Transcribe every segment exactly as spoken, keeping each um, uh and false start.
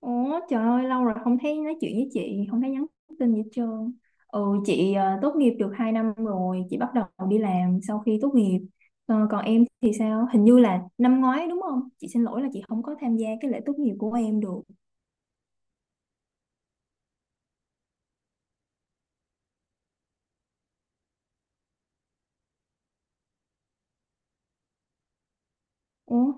Ủa trời ơi, lâu rồi không thấy nói chuyện với chị. Không thấy nhắn tin gì hết trơn. Ừ, chị ờ, tốt nghiệp được hai năm rồi. Chị bắt đầu đi làm sau khi tốt nghiệp. Ờ, còn em thì sao? Hình như là năm ngoái đúng không? Chị xin lỗi là chị không có tham gia cái lễ tốt nghiệp của em được. Ủa.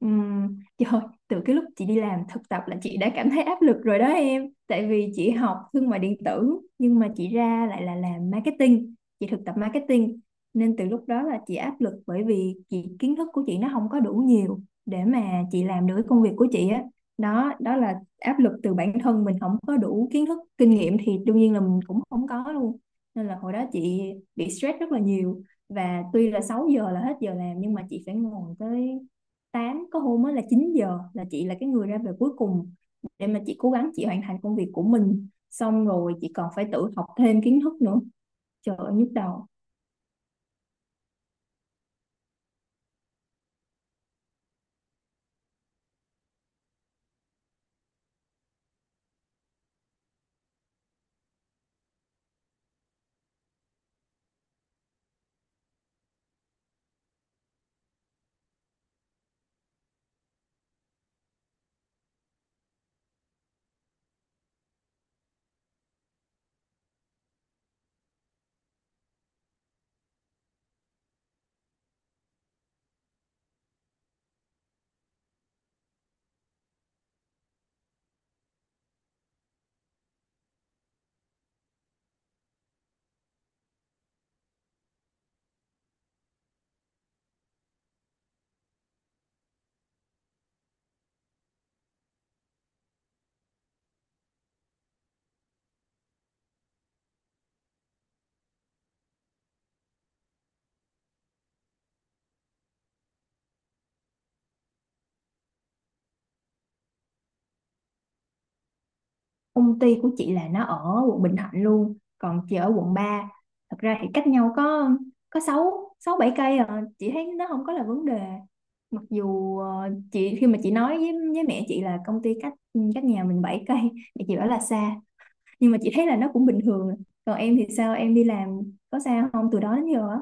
Ừm, trời, từ cái lúc chị đi làm thực tập là chị đã cảm thấy áp lực rồi đó em. Tại vì chị học thương mại điện tử nhưng mà chị ra lại là làm marketing, chị thực tập marketing, nên từ lúc đó là chị áp lực bởi vì chị kiến thức của chị nó không có đủ nhiều để mà chị làm được cái công việc của chị á. Đó, đó là áp lực từ bản thân mình không có đủ kiến thức, kinh nghiệm thì đương nhiên là mình cũng không có luôn. Nên là hồi đó chị bị stress rất là nhiều, và tuy là sáu giờ là hết giờ làm nhưng mà chị phải ngồi tới tám, có hôm mới là chín giờ, là chị là cái người ra về cuối cùng, để mà chị cố gắng chị hoàn thành công việc của mình xong rồi chị còn phải tự học thêm kiến thức nữa. Trời ơi nhức đầu. Công ty của chị là nó ở quận Bình Thạnh luôn, còn chị ở quận ba. Thật ra thì cách nhau có có sáu sáu bảy cây à, chị thấy nó không có là vấn đề. Mặc dù ờ, chị, khi mà chị nói với với mẹ chị là công ty cách cách nhà mình bảy cây thì chị bảo là xa, nhưng mà chị thấy là nó cũng bình thường. Còn em thì sao, em đi làm có sao không từ đó đến giờ á?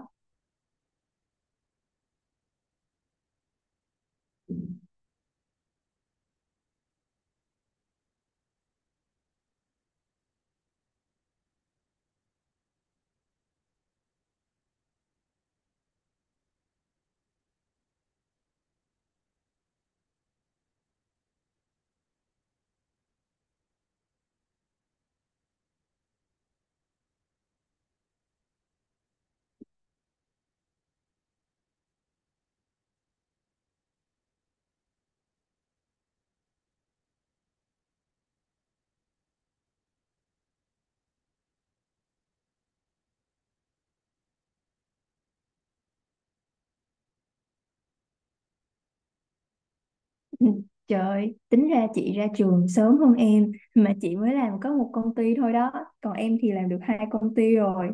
Ừ. Trời ơi, tính ra chị ra trường sớm hơn em mà chị mới làm có một công ty thôi đó, còn em thì làm được hai công ty rồi.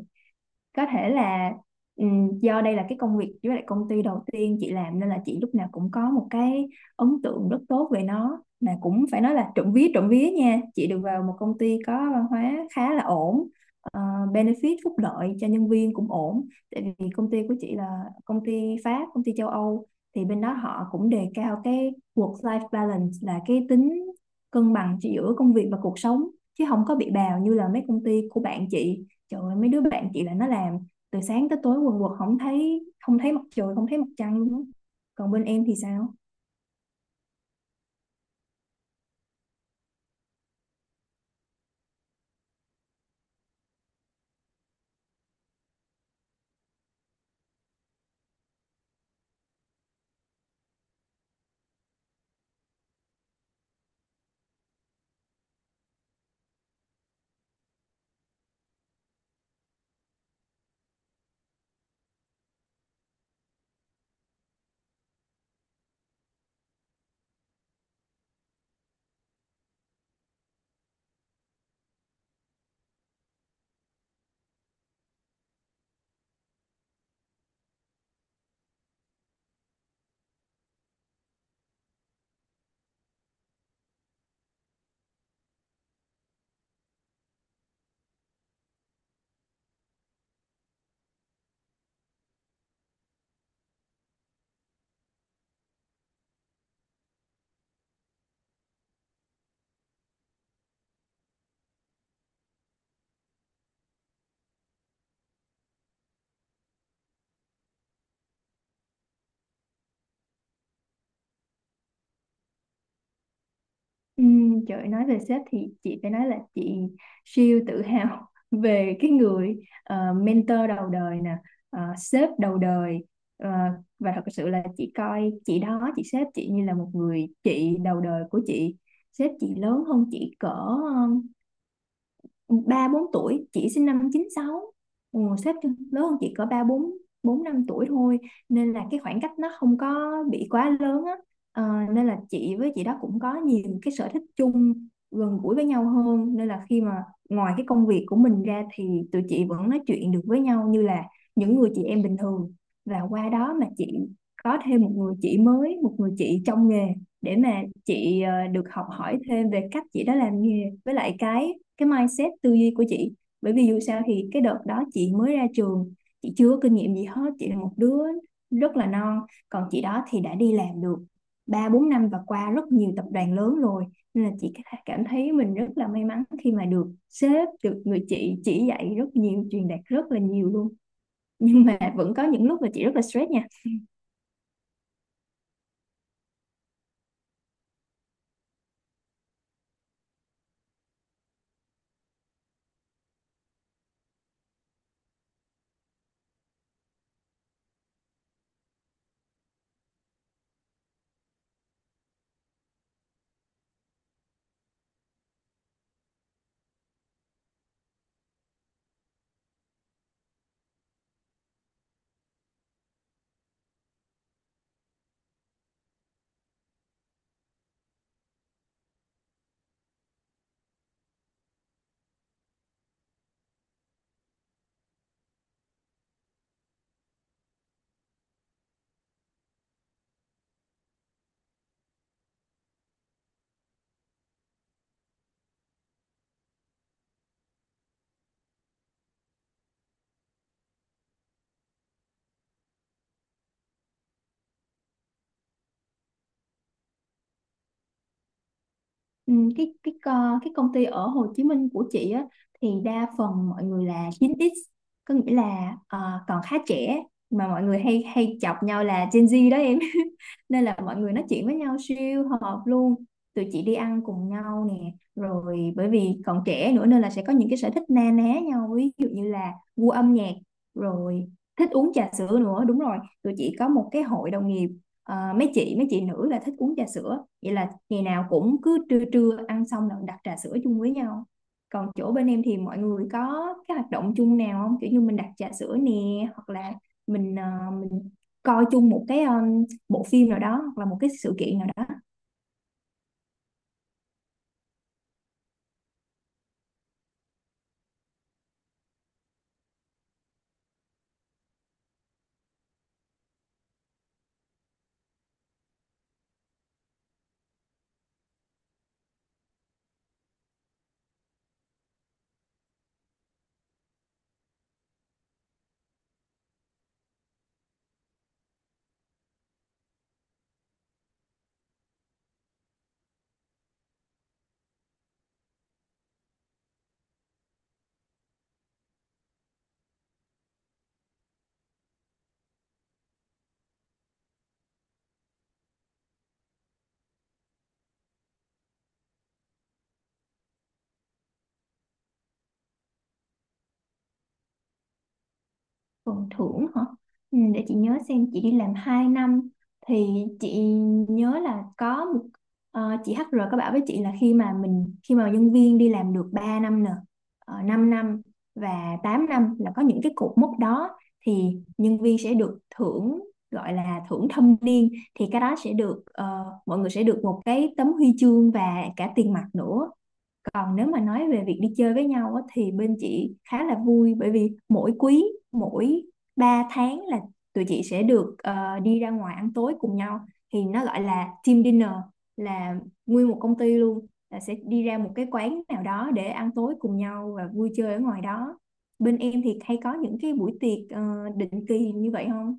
Có thể là ừm, do đây là cái công việc với lại công ty đầu tiên chị làm nên là chị lúc nào cũng có một cái ấn tượng rất tốt về nó. Mà cũng phải nói là, trộm vía trộm vía nha, chị được vào một công ty có văn hóa khá là ổn, ờ, benefit phúc lợi cho nhân viên cũng ổn. Tại vì công ty của chị là công ty Pháp, công ty châu Âu, thì bên đó họ cũng đề cao cái work-life balance, là cái tính cân bằng giữa công việc và cuộc sống, chứ không có bị bào như là mấy công ty của bạn chị. Trời ơi, mấy đứa bạn chị là nó làm từ sáng tới tối quần quật, không thấy không thấy mặt trời, không thấy mặt trăng luôn. Còn bên em thì sao? Ừ, trời ơi, nói về sếp thì chị phải nói là chị siêu tự hào về cái người ờ, mentor đầu đời nè, ờ, sếp đầu đời. Ờ, và thật sự là chị coi chị đó, chị sếp chị, như là một người chị đầu đời của chị. Sếp chị lớn hơn chị cỡ ba bốn tuổi, chị sinh năm chín sáu. Ừ, sếp lớn hơn chị cỡ ba bốn bốn năm tuổi thôi, nên là cái khoảng cách nó không có bị quá lớn á. Ờ, nên là chị với chị đó cũng có nhiều cái sở thích chung, gần gũi với nhau hơn, nên là khi mà ngoài cái công việc của mình ra thì tụi chị vẫn nói chuyện được với nhau như là những người chị em bình thường. Và qua đó mà chị có thêm một người chị mới, một người chị trong nghề, để mà chị ờ, được học hỏi thêm về cách chị đã làm nghề với lại cái cái mindset tư duy của chị. Bởi vì dù sao thì cái đợt đó chị mới ra trường, chị chưa có kinh nghiệm gì hết, chị là một đứa rất là non, còn chị đó thì đã đi làm được ba bốn năm và qua rất nhiều tập đoàn lớn rồi. Nên là chị cảm thấy mình rất là may mắn khi mà được sếp, được người chị chỉ dạy rất nhiều, truyền đạt rất là nhiều luôn. Nhưng mà vẫn có những lúc mà chị rất là stress nha. Ừ, cái cái co- cái công ty ở Hồ Chí Minh của chị á thì đa phần mọi người là chín ích, có nghĩa là ờ, còn khá trẻ, mà mọi người hay hay chọc nhau là Gen Z đó em. Nên là mọi người nói chuyện với nhau siêu hợp luôn, tụi chị đi ăn cùng nhau nè, rồi bởi vì còn trẻ nữa nên là sẽ có những cái sở thích na ná nhau, ví dụ như là gu âm nhạc, rồi thích uống trà sữa nữa, đúng rồi. Tụi chị có một cái hội đồng nghiệp. Ờ, mấy chị mấy chị nữ là thích uống trà sữa, vậy là ngày nào cũng cứ trưa trưa ăn xong là đặt trà sữa chung với nhau. Còn chỗ bên em thì mọi người có cái hoạt động chung nào không, kiểu như mình đặt trà sữa nè, hoặc là mình ờ, mình coi chung một cái ờ, bộ phim nào đó, hoặc là một cái sự kiện nào đó? Phần thưởng hả? Ừ, để chị nhớ xem. Chị đi làm hai năm, thì chị nhớ là có một ờ, chị hát rờ có bảo với chị là khi mà mình, khi mà nhân viên đi làm được ba năm nè, uh, 5 năm và tám năm, là có những cái cột mốc đó thì nhân viên sẽ được thưởng, gọi là thưởng thâm niên. Thì cái đó sẽ được, ờ, mọi người sẽ được một cái tấm huy chương và cả tiền mặt nữa. Còn nếu mà nói về việc đi chơi với nhau á, thì bên chị khá là vui, bởi vì mỗi quý, mỗi ba tháng là tụi chị sẽ được ờ, đi ra ngoài ăn tối cùng nhau, thì nó gọi là team dinner, là nguyên một công ty luôn là sẽ đi ra một cái quán nào đó để ăn tối cùng nhau và vui chơi ở ngoài đó. Bên em thì hay có những cái buổi tiệc ờ, định kỳ như vậy không?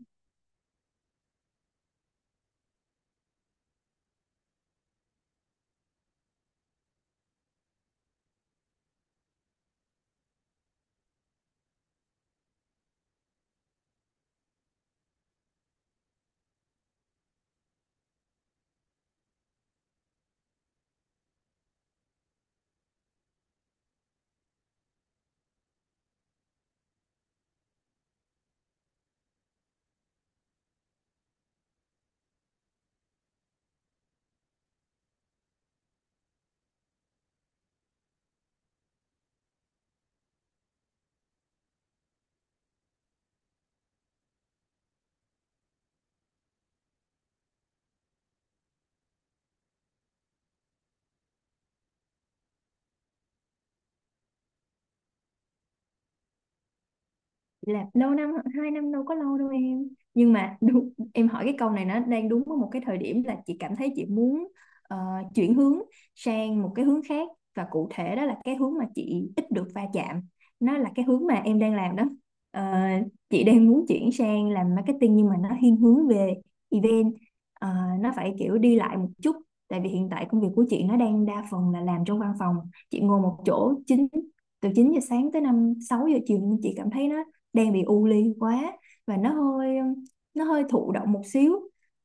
Là lâu năm, hai năm đâu có lâu đâu em. Nhưng mà đúng, em hỏi cái câu này nó đang đúng ở một cái thời điểm là chị cảm thấy chị muốn ờ, chuyển hướng sang một cái hướng khác, và cụ thể đó là cái hướng mà chị ít được va chạm, nó là cái hướng mà em đang làm đó. Ờ, chị đang muốn chuyển sang làm marketing nhưng mà nó thiên hướng về event. Ờ, nó phải kiểu đi lại một chút, tại vì hiện tại công việc của chị nó đang đa phần là làm trong văn phòng, chị ngồi một chỗ chín từ chín giờ sáng tới năm sáu giờ chiều, nhưng chị cảm thấy nó đang bị u ly quá, và nó hơi nó hơi thụ động một xíu.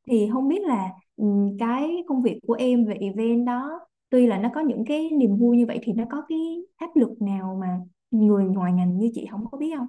Thì không biết là ừm, cái công việc của em về event đó, tuy là nó có những cái niềm vui như vậy, thì nó có cái áp lực nào mà người ngoài ngành như chị không có biết không?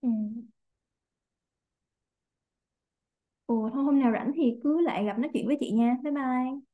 Ừ. Ồ, thôi hôm nào rảnh thì cứ lại gặp nói chuyện với chị nha. Bye bye.